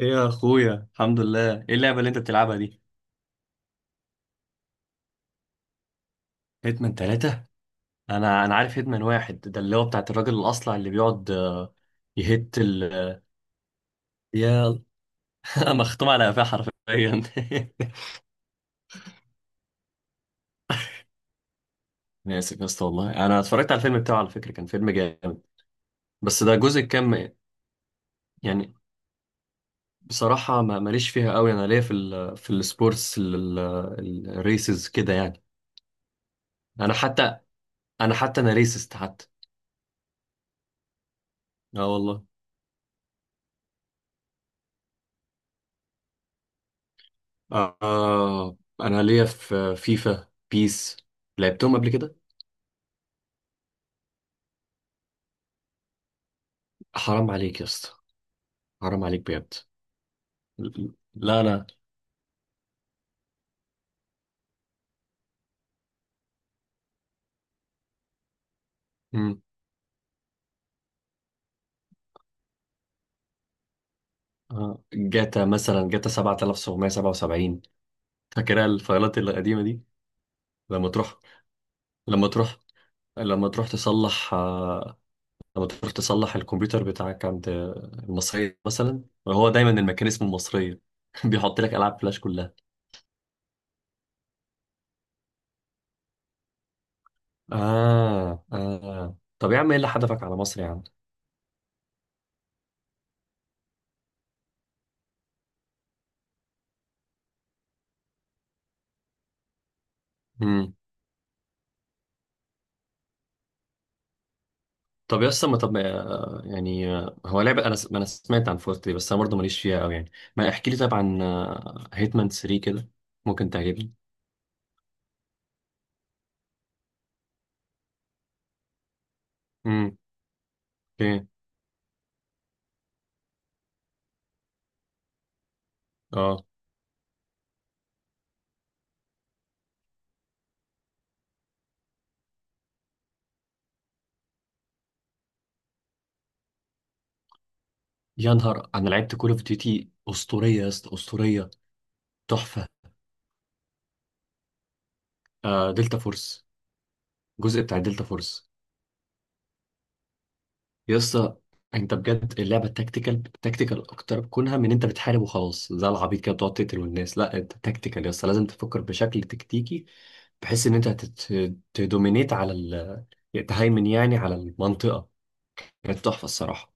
ايه يا اخويا، الحمد لله. ايه اللعبه اللي انت بتلعبها دي؟ هيتمان ثلاثة. انا عارف هيتمان واحد، ده اللي هو بتاعت الراجل الاصلع اللي بيقعد. آه، يهت ال آه، يا مختوم على قفاه حرفيا انا اسف يا اسطى، والله انا اتفرجت على الفيلم بتاعه، على فكره كان فيلم جامد. بس ده جزء كام؟ يعني، بصراحه ما ماليش فيها قوي. انا ليا في السبورتس، الريسز كده يعني. انا حتى انا حتى ريسست حتى. اه والله. انا ليا في فيفا بيس، لعبتهم قبل كده. حرام عليك يا اسطى. حرام عليك بجد. لا انا. مم. آه. جاتا مثلا، جاتا 7777، فاكرها الفايلات القديمه دي. لما تروح لما تروح لما تروح تصلح آه، لما تروح تصلح الكمبيوتر بتاعك عند المصرية مثلا، هو دايما المكان اسمه المصرية. بيحط لك ألعاب فلاش كلها. آه آه، طب يا عم، ايه اللي حدفك على مصر يا عم؟ مم. طب يا اسطى، ما طب ما- يعني هو لعبة، أنا ما أنا سمعت عن فورت دي، بس أنا برضه ماليش فيها أوي يعني. ما احكي لي طب عن هيتمان 3 كده، ممكن تعجبني. امم. ايه. اه. يا نهار، أنا لعبت كول أوف ديوتي أسطورية يا اسطى، أسطورية، تحفة. دلتا فورس، الجزء بتاع دلتا فورس يا اسطى، أنت بجد اللعبة تكتيكال، تكتيكال أكتر، كونها من أنت بتحارب وخلاص زي العبيط كده بتقعد تقتل والناس، لا، أنت تكتيكال يا اسطى، لازم تفكر بشكل تكتيكي، بحيث ان انت تهيمن يعني على المنطقه. كانت تحفه الصراحه.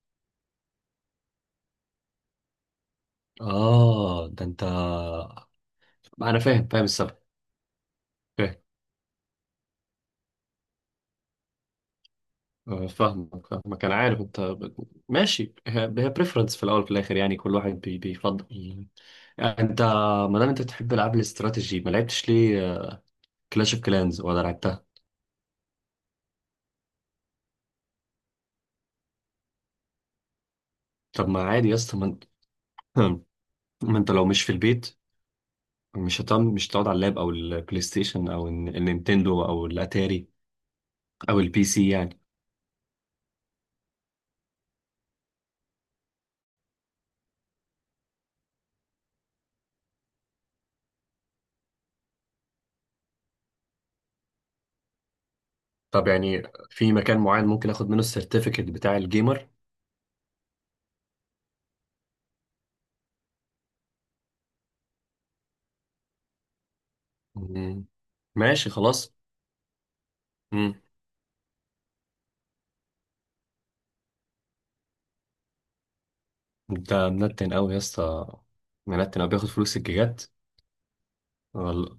اه ده انت. انا فاهم، فاهم السبب. فاهم. فاهمك فاهمك، انا عارف. انت ماشي هي بريفرنس في الاول وفي الاخر يعني، كل واحد بيفضل يعني. انت، ما دام انت بتحب العاب الاستراتيجي، ما لعبتش ليه كلاش اوف كلانز؟ ولا لعبتها؟ طب ما عادي يا اسطى، ما انت ما انت لو مش في البيت، مش هتقعد على اللاب او البلاي ستيشن او النينتندو او الاتاري او البي سي يعني. طب يعني، في مكان معين ممكن اخد منه السيرتيفيكت بتاع الجيمر؟ مم. ماشي خلاص. مم. انت منتن قوي يا اسطى، منتن قوي، بياخد فلوس الجيجات. ولا-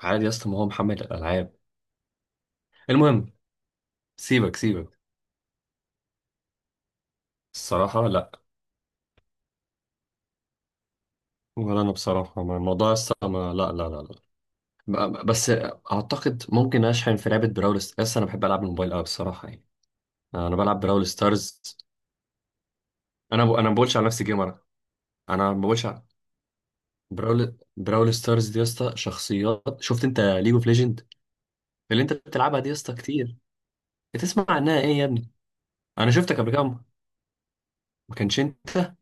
عادي يا اسطى، ما هو محمل الالعاب. المهم، سيبك سيبك. الصراحة لا. ولا انا بصراحة، الموضوع يا اسطى، ما، لا لا لا لا. بس اعتقد ممكن اشحن في لعبة براول يا اسطى، انا بحب العب الموبايل قوي بصراحة يعني. انا بلعب براول ستارز. انا ما بقولش على نفسي جيمر. انا ما بقولش. براول ستارز دي يا اسطى، شخصيات. شفت انت ليج اوف ليجند، اللي انت بتلعبها دي يا اسطى كتير؟ بتسمع عنها ايه يا ابني؟ انا شفتك قبل كده، ما كانش انت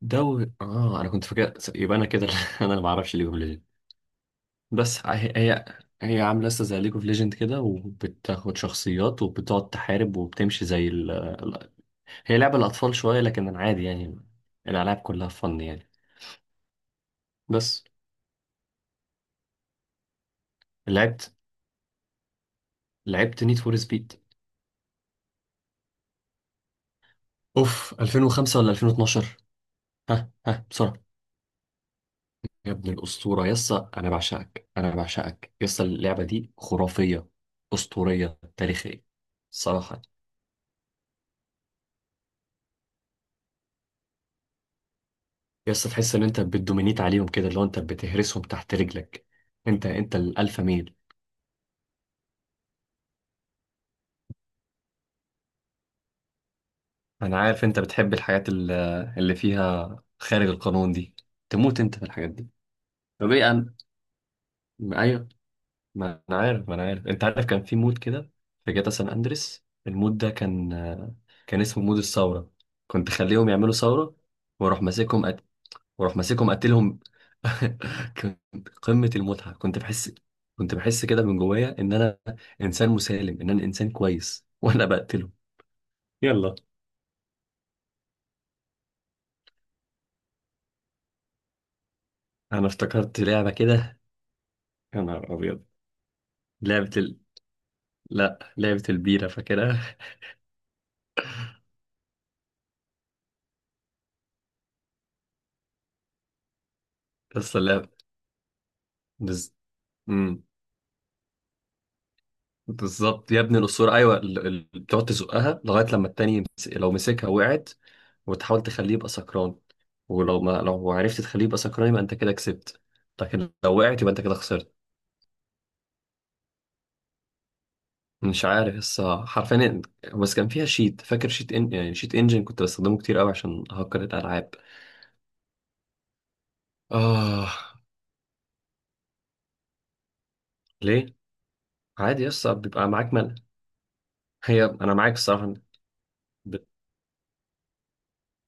دوري؟ اه انا كنت فاكر، يبقى انا كده انا اللي ما اعرفش ليج اوف ليجند. بس هي هي عامله لسه زي ليج اوف ليجند كده، وبتاخد شخصيات وبتقعد تحارب وبتمشي زي هي لعبه الاطفال شويه، لكن انا عادي يعني، الالعاب كلها فن يعني. بس. لعبت لعبت نيد فور سبيد، اوف 2005 ولا 2012؟ ها ها بسرعة. يا ابن الأسطورة يسا، أنا بعشقك، أنا بعشقك يسا، اللعبة دي خرافية، أسطورية تاريخية. الصراحة، يسا تحس إن أنت بتدومينيت عليهم كده، اللي هو أنت بتهرسهم تحت رجلك. أنت الألفا ميل. أنا عارف أنت بتحب الحاجات اللي فيها خارج القانون دي، تموت أنت في الحاجات دي. طب إيه؟ أنا أيوه ما أنا عارف، ما أنا عارف، أنت عارف كان في مود كده في جاتا سان أندريس، المود ده كان، كان اسمه مود الثورة. كنت خليهم يعملوا ثورة، واروح ماسكهم واروح ماسكهم قتلهم. كنت قمة المتعة، كنت بحس، كده من جوايا ان انا انسان مسالم، ان انا انسان كويس وانا بقتله. يلا. انا افتكرت لعبة كده، يا نهار ابيض. لعبة ال... لا لعبة البيرة فاكرها. قصة اللعبة. بز... مم. بالظبط يا ابن الاسطوره، ايوه بتقعد تزقها لغايه لما التاني لو مسكها وقعت، وتحاول تخليه يبقى سكران، ولو ما، لو عرفت تخليه يبقى سكران، يبقى انت كده كسبت، لكن لو وقعت يبقى انت كده خسرت. مش عارف لسه حرفيا. بس كان فيها شيت، فاكر شيت، ان... يعني شيت انجن كنت بستخدمه كتير قوي عشان هكر الالعاب. اه. ليه؟ عادي لسه بيبقى معاك ملل. هي انا معاك الصراحه، ب-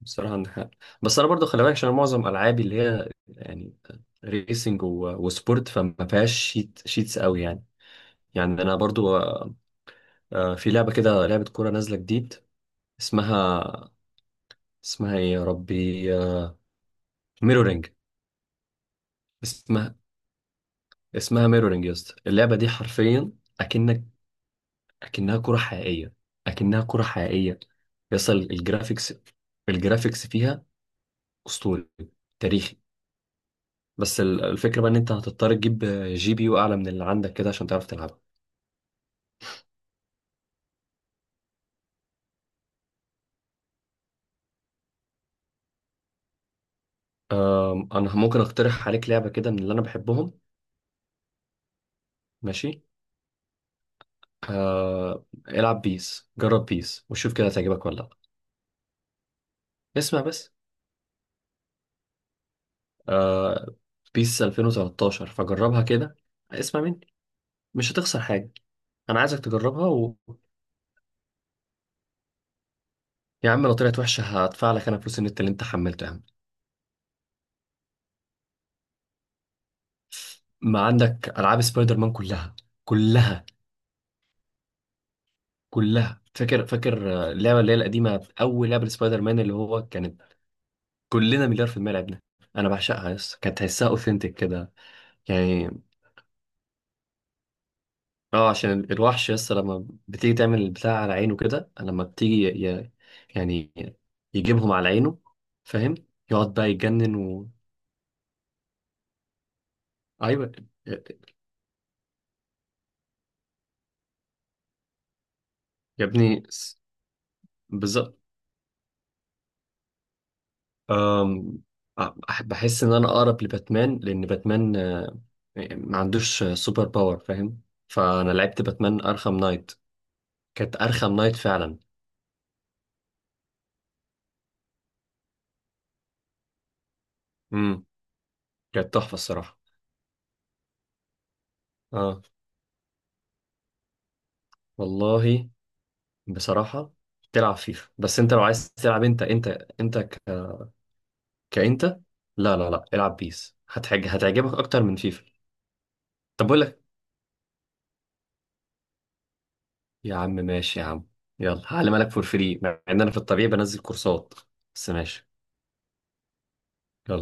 بصراحه إن بس انا برضو خلي بالك، عشان معظم العابي اللي هي يعني ريسنج وسبورت فما فيهاش شيت شيتس قوي يعني. يعني انا برضو في لعبه كده، لعبه كوره نازله جديد، اسمها، اسمها ايه يا ربي؟ ميرورينج. اسمها ميرورينج يا اسطى، اللعبه دي حرفيا، اكنك اكنها كره حقيقيه، اكنها كره حقيقيه. يصل الجرافيكس، الجرافيكس فيها اسطوري، تاريخي. بس الفكره بقى ان انت هتضطر تجيب جي بي يو اعلى من اللي عندك كده عشان تعرف تلعبها. انا ممكن اقترح عليك لعبه كده من اللي انا بحبهم. ماشي. العب بيس، جرب بيس وشوف كده هتعجبك ولا لا. اسمع بس. آه، بيس 2013، فجربها كده. اسمع مني، مش هتخسر حاجه. انا عايزك تجربها يا عم لو طلعت وحشه، هدفع لك انا فلوس النت اللي انت حملته يا عم. ما عندك العاب سبايدر مان كلها، كلها، كلها، فاكر فاكر اللعبه اللي هي القديمه، اول لعبه سبايدر مان، اللي هو كانت، كلنا مليار في المية لعبنا. انا بعشقها يس، كانت تحسها اوثنتك كده يعني. اه، عشان الوحش يس، لما بتيجي تعمل البتاع على عينه كده، لما بتيجي ي... يعني يجيبهم على عينه، فاهم. يقعد بقى يتجنن ايوه يا يا ابني، بالظبط. أم، بحس ان انا اقرب لباتمان، لان باتمان، يعني ما عندوش سوبر باور، فاهم. فانا لعبت باتمان ارخم نايت، كانت ارخم نايت فعلا. امم. كانت تحفه الصراحه. اه والله، بصراحه، تلعب فيفا. بس انت لو عايز تلعب، انت ك... كانت لا لا لا، العب بيس، هتعجبك اكتر من فيفا. طب بقول لك، يا عم ماشي يا عم، يلا هعلمها لك فور فري، مع ان انا في الطبيعي بنزل كورسات، بس ماشي